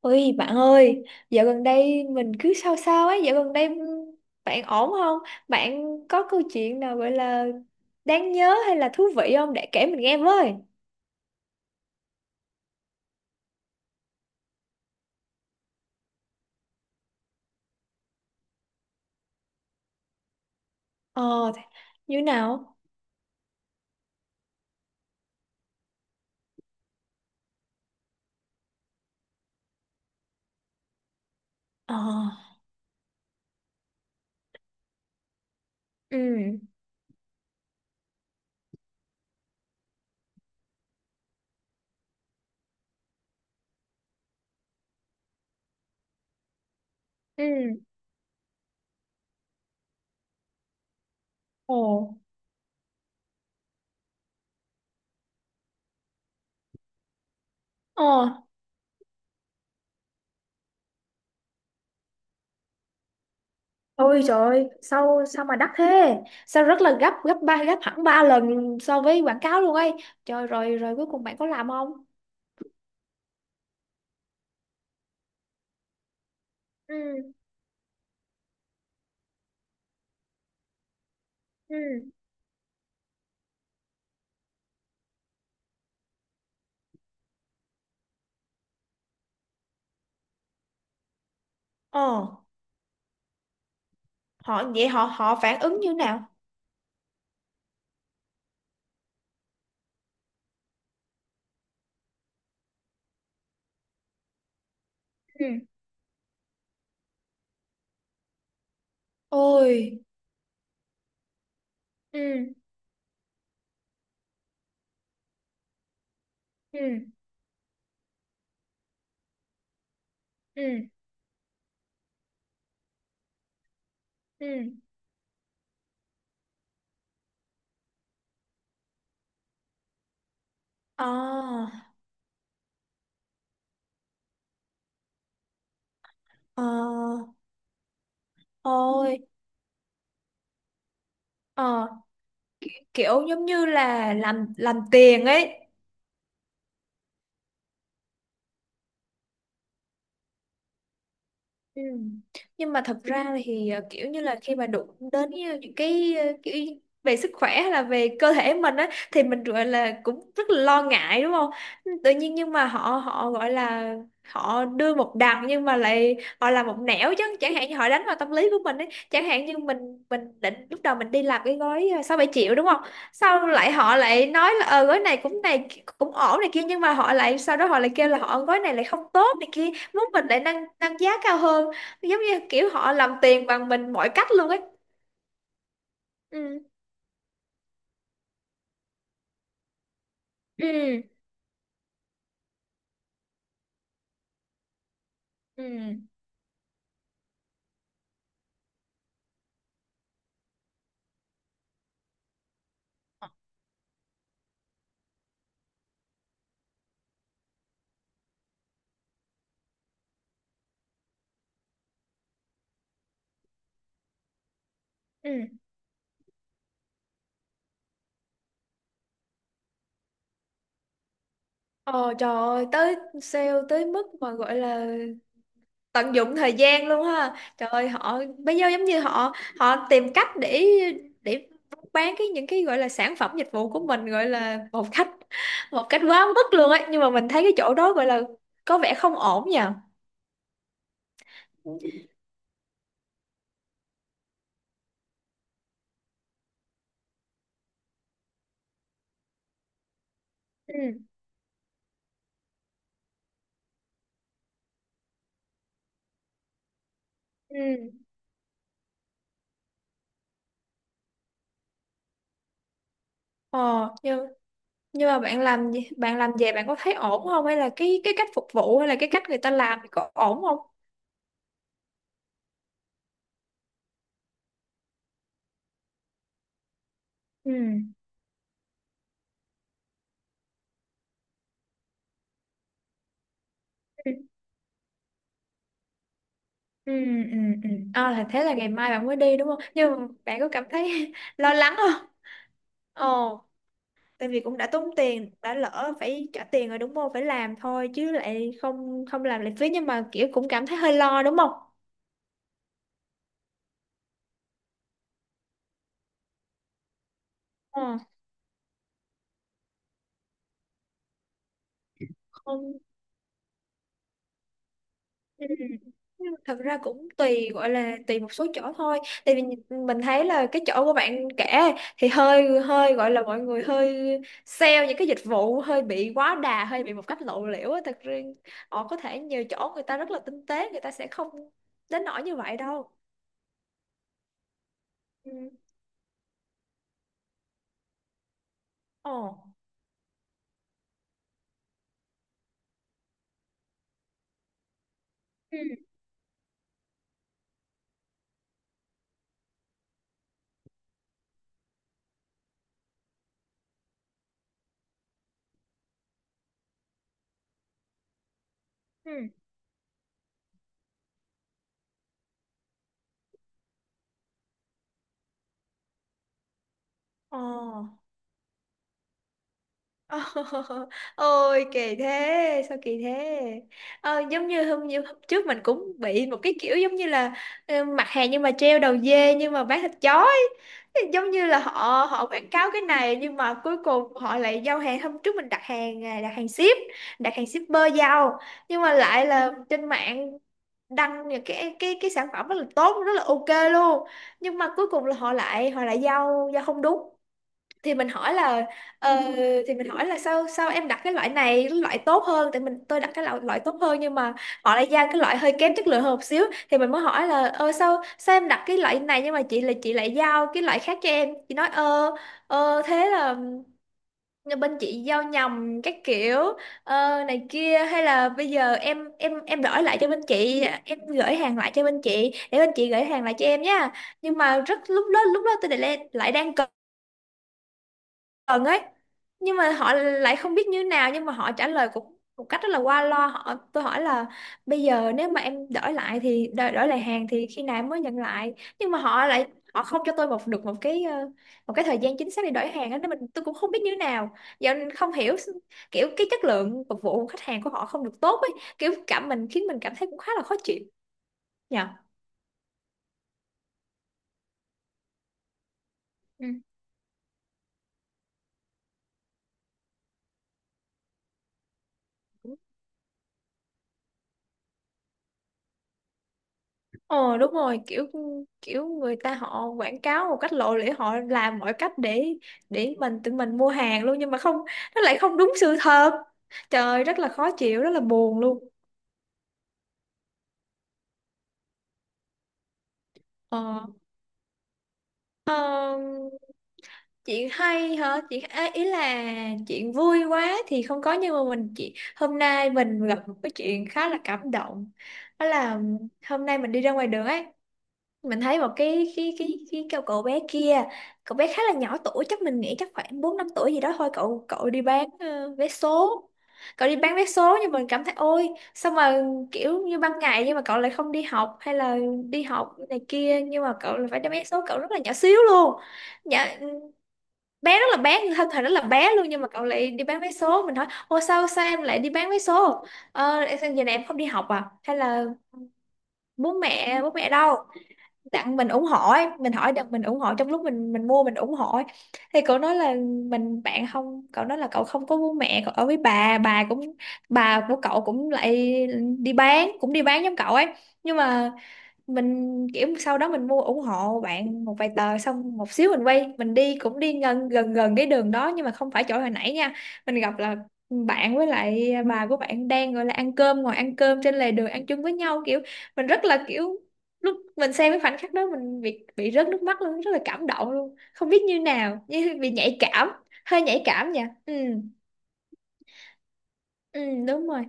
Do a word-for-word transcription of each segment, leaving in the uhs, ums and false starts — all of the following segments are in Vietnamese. Ôi bạn ơi, dạo gần đây mình cứ sao sao ấy, dạo gần đây bạn ổn không? Bạn có câu chuyện nào gọi là đáng nhớ hay là thú vị không để kể mình nghe với? Ờ, thế- như nào? Ờ. Ừ. Ừ. Ồ. Ờ. Ôi trời ơi, sao sao mà đắt thế? Sao rất là gấp, gấp ba, gấp hẳn ba lần so với quảng cáo luôn ấy. Trời, rồi rồi cuối cùng bạn có làm không? Ừ, ừ. Ờ, họ vậy họ họ phản ứng như nào? Ừ. Ôi. Ừ, ừ, ừ, ừ. Ờ, ờ, thôi, ờ, kiểu giống như là làm làm tiền ấy. Ừ. Nhưng mà thật ra thì ờ, kiểu như là khi mà đụng đến như những cái ờ, kiểu về sức khỏe hay là về cơ thể mình á, thì mình gọi là cũng rất là lo ngại đúng không? Tự nhiên nhưng mà họ họ gọi là họ đưa một đằng nhưng mà lại họ làm một nẻo, chứ chẳng hạn như họ đánh vào tâm lý của mình ấy. Chẳng hạn như mình mình định lúc đầu mình đi làm cái gói ờ, sáu bảy triệu đúng không, sau lại họ lại nói là ờ gói này cũng này cũng ổn này kia, nhưng mà họ lại sau đó họ lại kêu là họ gói này lại không tốt này kia, muốn mình lại nâng nâng giá cao hơn, giống như kiểu họ làm tiền bằng mình mọi cách luôn ấy. Ừ, ừ, ừ, ừ. Ờ trời ơi, tới sale tới mức mà gọi là tận dụng thời gian luôn ha. Trời ơi, họ bây giờ giống như họ họ tìm cách để để bán cái những cái gọi là sản phẩm dịch vụ của mình gọi là một cách một cách quá mức luôn ấy, nhưng mà mình thấy cái chỗ đó gọi là có vẻ không ổn nhỉ. Ừ, ừ. Ờ, nhưng nhưng mà bạn làm gì- bạn làm về bạn có thấy ổn không, hay là cái cái cách phục vụ hay là cái cách người ta làm thì có ổn không? Ừ. Ừ. Ừ, ừ, ừ. À, là thế là ngày mai bạn mới đi đúng không, nhưng mà bạn có cảm thấy lo lắng không? Ồ, tại vì cũng đã tốn tiền đã lỡ phải trả tiền rồi đúng không, phải làm thôi chứ lại không không làm lại phí, nhưng mà kiểu cũng cảm thấy hơi lo đúng không? Ờ. Không. Ừ. Thật ra cũng tùy gọi là tùy một số chỗ thôi, tại vì mình thấy là cái chỗ của bạn kể thì hơi hơi gọi là mọi người hơi sale những cái dịch vụ hơi bị quá đà hơi bị một cách lộ liễu á, thật ra họ có thể nhiều chỗ người ta rất là tinh tế, người ta sẽ không đến nỗi như vậy đâu. Ừ. Ồ. Ừ. Ừ. Ồ. Ôi kỳ thế, sao kỳ thế. Ờ, giống như hôm như hôm trước mình cũng bị một cái kiểu giống như là ờ, mặt hàng nhưng mà treo đầu dê nhưng mà bán thịt chó ấy. Thì giống như là họ họ quảng cáo cái này nhưng mà cuối cùng họ lại giao hàng, hôm trước mình đặt hàng à, đặt hàng ship đặt hàng shipper giao, nhưng mà lại là trên mạng đăng những cái cái cái sản phẩm rất là tốt rất là ok luôn, nhưng mà cuối cùng là họ lại họ lại giao giao không đúng. Thì mình hỏi là ờ, thì mình hỏi là sao sao em đặt cái loại này, cái loại tốt hơn, tại mình tôi đặt cái loại, loại tốt hơn, nhưng mà họ lại giao cái loại hơi kém chất lượng hơn một xíu. Thì mình mới hỏi là ờ sao sao em đặt cái loại này, nhưng mà chị là chị lại giao cái loại khác cho em. Chị nói ờ ờ thế là bên chị giao nhầm các kiểu ờ, này kia, hay là bây giờ em em em đổi lại cho bên chị, em gửi hàng lại cho bên chị để bên chị gửi hàng lại cho em nha. Nhưng mà rất lúc đó lúc đó tôi lại lại đang cần gần ấy, nhưng mà họ lại không biết như thế nào, nhưng mà họ trả lời cũng một cách rất là qua loa. Họ tôi hỏi là bây giờ nếu mà em đổi lại thì đổi, đổi lại hàng thì khi nào em mới nhận lại, nhưng mà họ lại họ không cho tôi một được một cái ờ, một cái thời gian chính xác để đổi hàng á, nên mình tôi cũng không biết như thế nào giờ. Nên không hiểu s- kiểu cái chất lượng phục vụ của khách hàng của họ không được tốt ấy, kiểu cảm mình khiến mình cảm thấy cũng khá là khó chịu nhờ. Ừ. Ờ đúng rồi, kiểu kiểu người ta họ quảng cáo một cách lộ liễu, họ làm mọi cách để để mình tự mình mua hàng luôn, nhưng mà không, nó lại không đúng sự thật. Trời ơi, rất là khó chịu rất là buồn luôn. Ờ, ờ, chuyện hay hả, chuyện à, ý là chuyện vui quá thì không có, nhưng mà mình chị hôm nay mình gặp một cái chuyện khá là cảm động. Đó là hôm nay mình đi ra ngoài đường ấy, mình thấy một cái cái cái cái cậu cậu bé kia, cậu bé khá là nhỏ tuổi, chắc mình nghĩ chắc khoảng bốn năm tuổi gì đó thôi. Cậu cậu đi bán ờ, vé số, cậu đi bán vé số, nhưng mình cảm thấy ôi sao mà kiểu như ban ngày nhưng mà cậu lại không đi học hay là đi học này kia, nhưng mà cậu lại phải đem vé số, cậu rất là nhỏ xíu luôn, nhỏ bé, rất là bé, thân thể rất là bé luôn, nhưng mà cậu lại đi bán vé số. Mình hỏi ô sao sao em lại đi bán vé số, ờ giờ này em không đi học à, hay là bố mẹ bố mẹ đâu, tặng mình ủng hộ ấy. Mình hỏi được mình ủng hộ, trong lúc mình mình mua mình ủng hộ ấy. Thì cậu nói là mình bạn không cậu nói là cậu không có bố mẹ, cậu ở với bà bà cũng, bà của cậu cũng lại đi bán, cũng đi bán giống cậu ấy. Nhưng mà mình kiểu sau đó mình mua ủng hộ bạn một vài tờ, xong một xíu mình quay mình đi cũng đi gần gần gần cái đường đó nhưng mà không phải chỗ hồi nãy nha. Mình gặp là bạn với lại bà của bạn đang gọi là ăn cơm, ngồi ăn cơm trên lề đường ăn chung với nhau, kiểu mình rất là kiểu lúc mình xem cái khoảnh khắc đó mình bị bị rớt nước mắt luôn, rất là cảm động luôn không biết như nào, như bị nhạy cảm, hơi nhạy cảm nha. Ừ. Ừ, đúng rồi,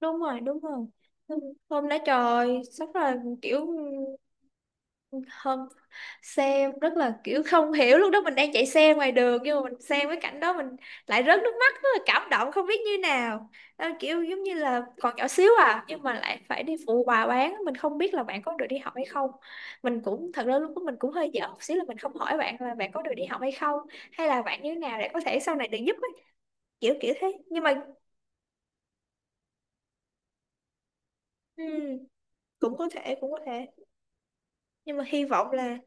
đúng rồi, đúng rồi, hôm hôm đó trời sắp là kiểu không, xe rất là, kiểu không hiểu lúc đó mình đang chạy xe ngoài đường nhưng mà mình xem cái cảnh đó mình lại rớt nước mắt, rất là cảm động không biết như nào. Ờ, kiểu giống như là còn nhỏ xíu à nhưng mà lại phải đi phụ bà bán, mình không biết là bạn có được đi học hay không. Mình cũng thật ra lúc đó mình cũng hơi dở một xíu là mình không hỏi bạn là bạn có được đi học hay không hay là bạn như thế nào để có thể sau này được giúp ấy. Kiểu kiểu thế nhưng mà, ừm, cũng có thể cũng có thể, nhưng mà hy vọng là.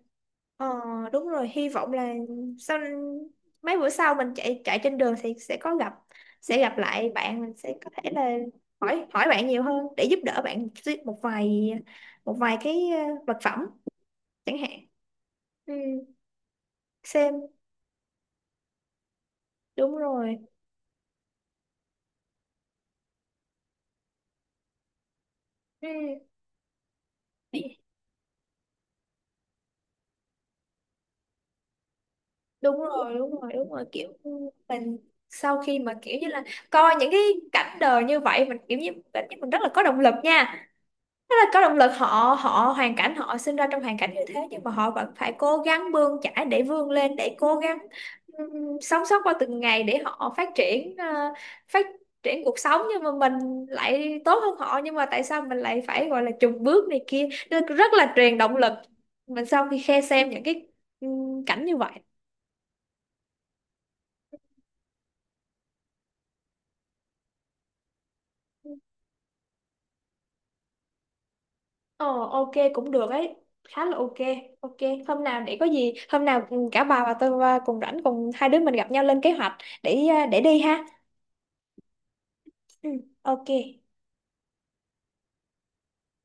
Ờ, đúng rồi, hy vọng là sau mấy bữa sau mình chạy chạy trên đường thì sẽ có gặp sẽ gặp lại bạn. Mình sẽ có thể là hỏi hỏi bạn nhiều hơn để giúp đỡ bạn, xí- một vài một vài cái ờ, vật phẩm chẳng hạn. Ừ, xem đúng rồi. Ừ, đúng rồi, đúng rồi, đúng rồi. Kiểu mình sau khi mà kiểu như là coi những cái cảnh đời như vậy, mình kiểu như cảm giác mình rất là có động lực nha. Rất là có động lực, họ họ hoàn cảnh họ sinh ra trong hoàn cảnh như thế, nhưng mà họ vẫn phải cố gắng bươn chải để vươn lên để cố gắng ừm, sống sót qua từng ngày để họ phát triển ờ, phát triển cuộc sống, nhưng mà mình lại tốt hơn họ, nhưng mà tại sao mình lại phải gọi là chùn bước này kia? Nó rất là truyền động lực mình sau khi khe xem những cái ừm, cảnh như vậy. Ờ ok cũng được ấy, khá là ok, ok. Hôm nào để có gì hôm nào cả bà và tôi và cùng rảnh cùng hai đứa mình gặp nhau lên kế hoạch để à, để đi ha. Ừ, ok.